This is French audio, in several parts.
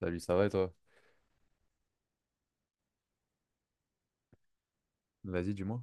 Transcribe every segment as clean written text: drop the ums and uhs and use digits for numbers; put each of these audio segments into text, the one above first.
Salut, ça va et toi? Vas-y, dis-moi.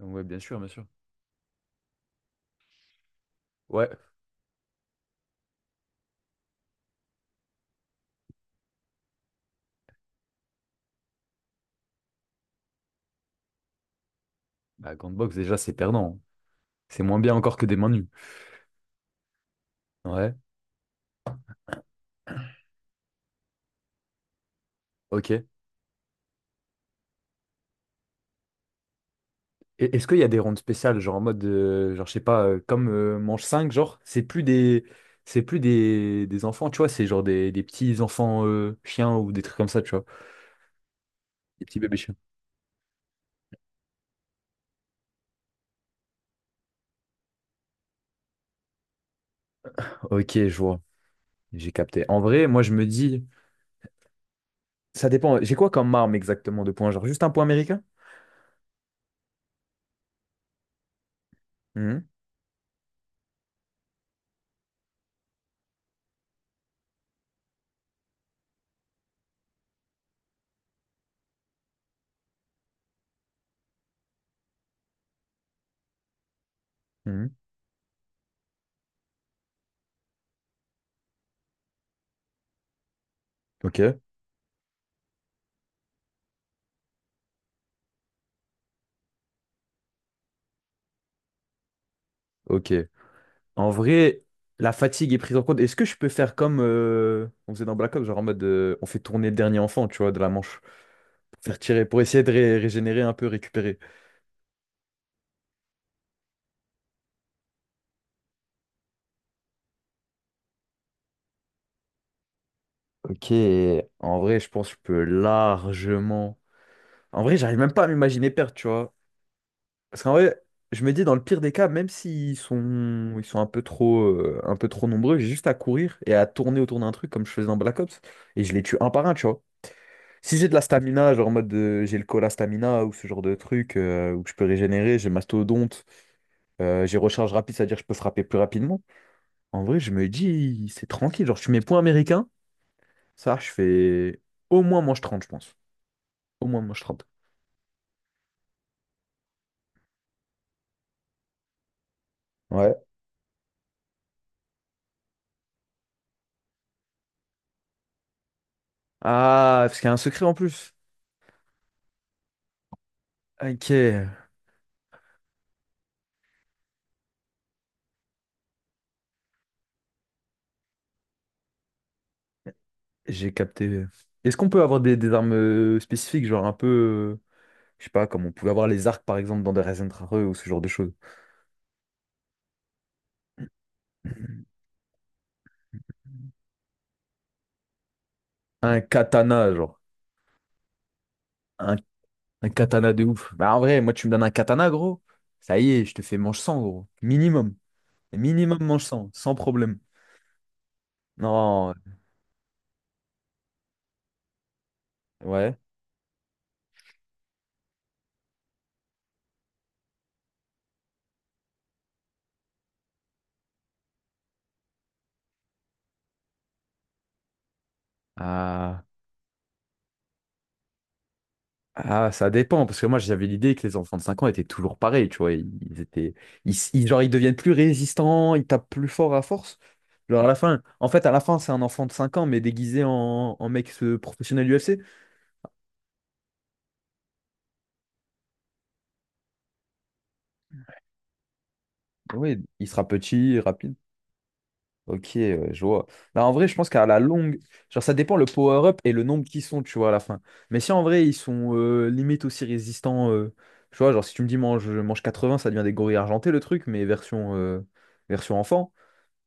Ouais, bien sûr, bien sûr. Ouais. Bah, Gantbox, déjà, c'est perdant, hein. C'est moins bien encore que des mains nues. Ouais, ok. Et est-ce qu'il y a des rondes spéciales, genre en mode, genre, je sais pas, comme manche 5, genre, c'est plus des enfants, tu vois, c'est genre des petits enfants chiens ou des trucs comme ça, tu vois. Des petits bébés chiens. Ok, je vois. J'ai capté. En vrai, moi, je me dis, ça dépend. J'ai quoi comme arme exactement de points? Genre, juste un point américain? Mhm, mhm. Ok, ok. En vrai, la fatigue est prise en compte. Est-ce que je peux faire comme on faisait dans Black Ops, genre en mode on fait tourner le dernier enfant, tu vois, de la manche, pour faire tirer, pour essayer de régénérer un peu, récupérer. Ok, en vrai, je pense que je peux largement. En vrai, j'arrive même pas à m'imaginer perdre, tu vois. Parce qu'en vrai, je me dis dans le pire des cas, même s'ils sont un peu trop nombreux, j'ai juste à courir et à tourner autour d'un truc comme je faisais dans Black Ops et je les tue un par un, tu vois. Si j'ai de la stamina, genre en mode j'ai le cola stamina ou ce genre de truc où je peux régénérer, j'ai mastodonte, j'ai recharge rapide, c'est-à-dire que je peux frapper plus rapidement. En vrai, je me dis, c'est tranquille. Genre, je suis mes points américains, ça, je fais au moins manche 30, je pense. Au moins manche 30. Ouais. Ah, parce qu'il y a un secret en plus. Ok, j'ai capté. Est-ce qu'on peut avoir des armes spécifiques, genre un peu, je sais pas, comme on pouvait avoir les arcs par exemple dans des Rare ou ce genre de choses? Un katana, genre. Un Un katana de ouf. Bah, en vrai, moi, tu me donnes un katana, gros. Ça y est, je te fais manche 100 gros. Minimum. Minimum manche 100, sans problème. Non, ouais. Ah, ah, ça dépend. Parce que moi, j'avais l'idée que les enfants de 5 ans étaient toujours pareils, tu vois. Ils étaient. Genre, ils deviennent plus résistants, ils tapent plus fort à force. Genre, à la fin. En fait, à la fin, c'est un enfant de 5 ans, mais déguisé en mec professionnel UFC. Oui, il sera petit, rapide. Ok, ouais, je vois. Bah, en vrai, je pense qu'à la longue, genre ça dépend le power-up et le nombre qu'ils sont, tu vois, à la fin. Mais si en vrai, ils sont limite aussi résistants, tu vois, genre si tu me dis mange, mange 80, ça devient des gorilles argentés le truc, mais version enfant,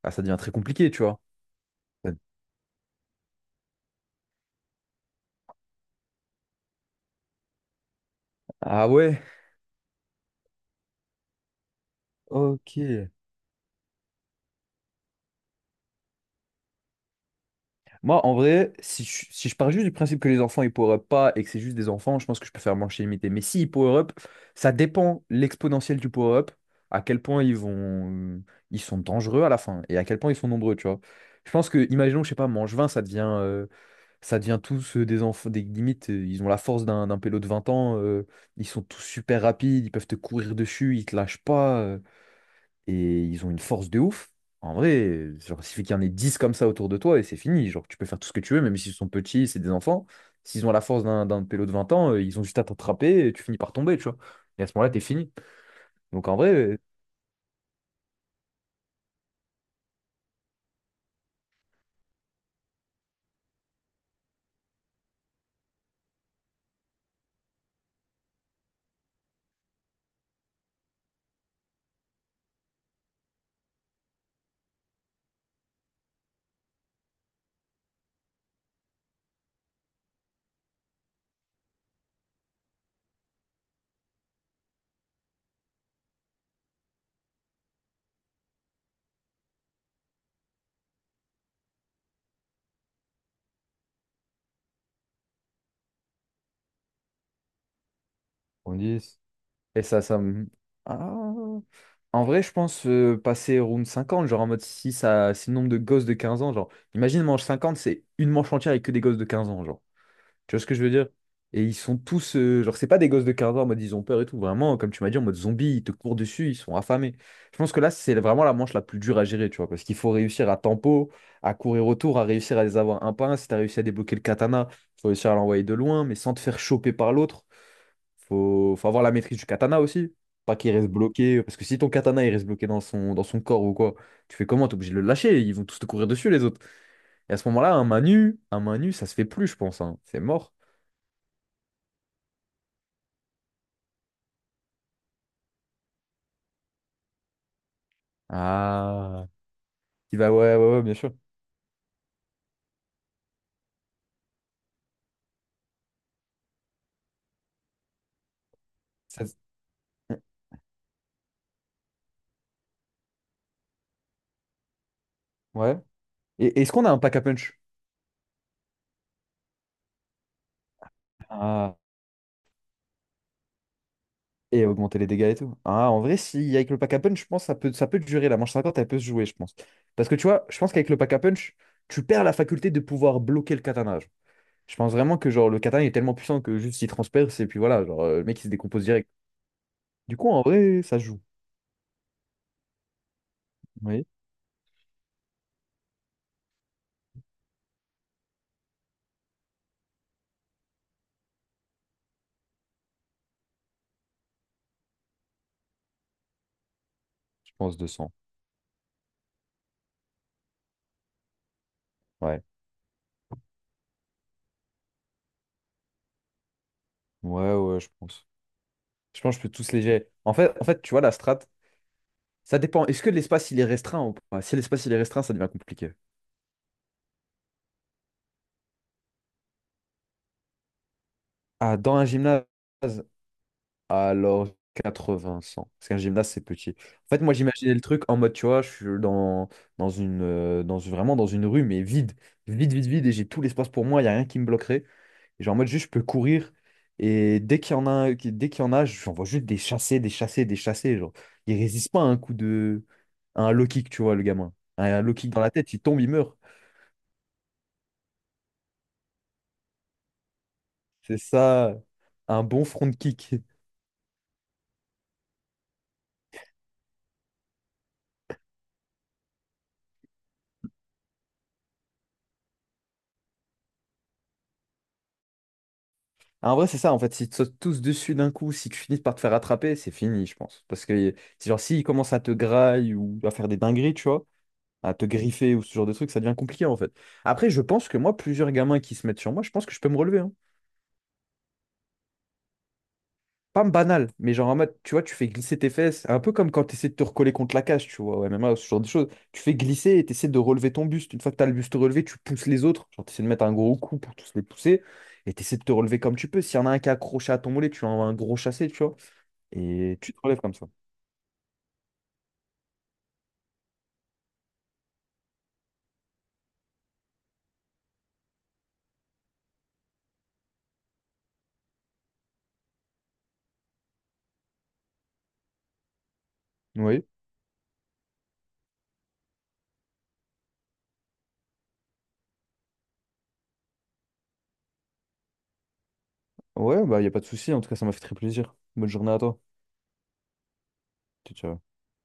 ah, ça devient très compliqué, tu vois. Ah ouais, ok. Moi, en vrai, si je pars juste du principe que les enfants ils power up pas et que c'est juste des enfants, je pense que je peux faire manche illimitée. Mais si ils power up, ça dépend l'exponentielle du power up, à quel point euh, ils sont dangereux à la fin et à quel point ils sont nombreux, tu vois. Je pense que, imaginons, je sais pas, manche 20 ça devient tous des enfants, des limites, ils ont la force d'un pélo de 20 ans, ils sont tous super rapides, ils peuvent te courir dessus, ils te lâchent pas. Et ils ont une force de ouf. En vrai, genre, il suffit qu'il y en ait 10 comme ça autour de toi et c'est fini. Genre, tu peux faire tout ce que tu veux, même s'ils sont petits, c'est des enfants. S'ils ont la force d'un pélo de 20 ans, ils ont juste à t'attraper et tu finis par tomber, tu vois. Et à ce moment-là, t'es fini. Donc en vrai, on dit. et ça, ça me- Ah. En vrai, je pense passer round 50, genre en mode si ça, c'est le nombre de gosses de 15 ans, genre, imagine manche 50, c'est une manche entière avec que des gosses de 15 ans, genre. Tu vois ce que je veux dire? Et ils sont tous, genre, c'est pas des gosses de 15 ans en mode ils ont peur et tout. Vraiment, comme tu m'as dit, en mode zombie, ils te courent dessus, ils sont affamés. Je pense que là, c'est vraiment la manche la plus dure à gérer, tu vois, parce qu'il faut réussir à tempo, à courir autour, à réussir à les avoir un par un. Si t'as réussi à débloquer le katana, faut réussir à l'envoyer de loin, mais sans te faire choper par l'autre. Faut avoir la maîtrise du katana aussi. Pas qu'il reste bloqué, parce que si ton katana il reste bloqué dans son corps ou quoi, tu fais comment? T'es obligé de le lâcher, ils vont tous te courir dessus les autres. Et à ce moment-là, un main nue, ça se fait plus, je pense, hein. C'est mort. Ah, qui va, ouais, ouais, ouais, bien sûr. Ça- ouais. Et est-ce qu'on a un pack à punch? Ah, et augmenter les dégâts et tout. Ah, en vrai, si avec le pack à punch, je pense que ça peut durer. La manche 50 elle peut se jouer, je pense. Parce que tu vois, je pense qu'avec le pack à punch, tu perds la faculté de pouvoir bloquer le katana, genre. Je pense vraiment que genre le katana est tellement puissant que juste il transperce et puis voilà, genre le mec il se décompose direct. Du coup, en vrai, ça se joue. Oui, je pense 200. Ouais. Ouais, ouais, je pense. Je pense que je peux tous les gérer. En fait, tu vois, la strat. Ça dépend. Est-ce que l'espace il est restreint ou pas? Si l'espace il est restreint, ça devient compliqué. Ah, dans un gymnase, alors 80, 100. Parce qu'un gymnase, c'est petit. En fait, moi, j'imaginais le truc en mode, tu vois, je suis vraiment dans une rue, mais vide. Vide, vide, vide. Et j'ai tout l'espace pour moi. Il n'y a rien qui me bloquerait. Et genre, en mode, juste, je peux courir. Et dès qu'il y en a, j'en vois juste des chassés, des chassés, des chassés. Genre, il résiste pas à un coup de. À un low kick, tu vois, le gamin. À un low kick dans la tête, il tombe, il meurt. C'est ça, un bon front kick. Ah, en vrai, c'est ça, en fait. S'ils te sautent tous dessus d'un coup, si tu finis par te faire attraper, c'est fini, je pense. Parce que, c'est genre, s'ils commencent à te grailler ou à faire des dingueries, tu vois, à te griffer ou ce genre de truc, ça devient compliqué, en fait. Après, je pense que moi, plusieurs gamins qui se mettent sur moi, je pense que je peux me relever, hein. Pas banal, mais genre en mode, tu vois, tu fais glisser tes fesses, un peu comme quand tu essaies de te recoller contre la cage, tu vois, au MMA, ce genre de choses. Tu fais glisser et tu essaies de relever ton buste. Une fois que tu as le buste relevé, tu pousses les autres. Genre, tu essaies de mettre un gros coup pour tous les pousser et tu essaies de te relever comme tu peux. S'il y en a un qui est accroché à ton mollet, tu envoies un gros chassé, tu vois, et tu te relèves comme ça. Oui, ouais, bah, y a pas de souci. En tout cas, ça m'a fait très plaisir. Bonne journée à toi. Ciao, ciao.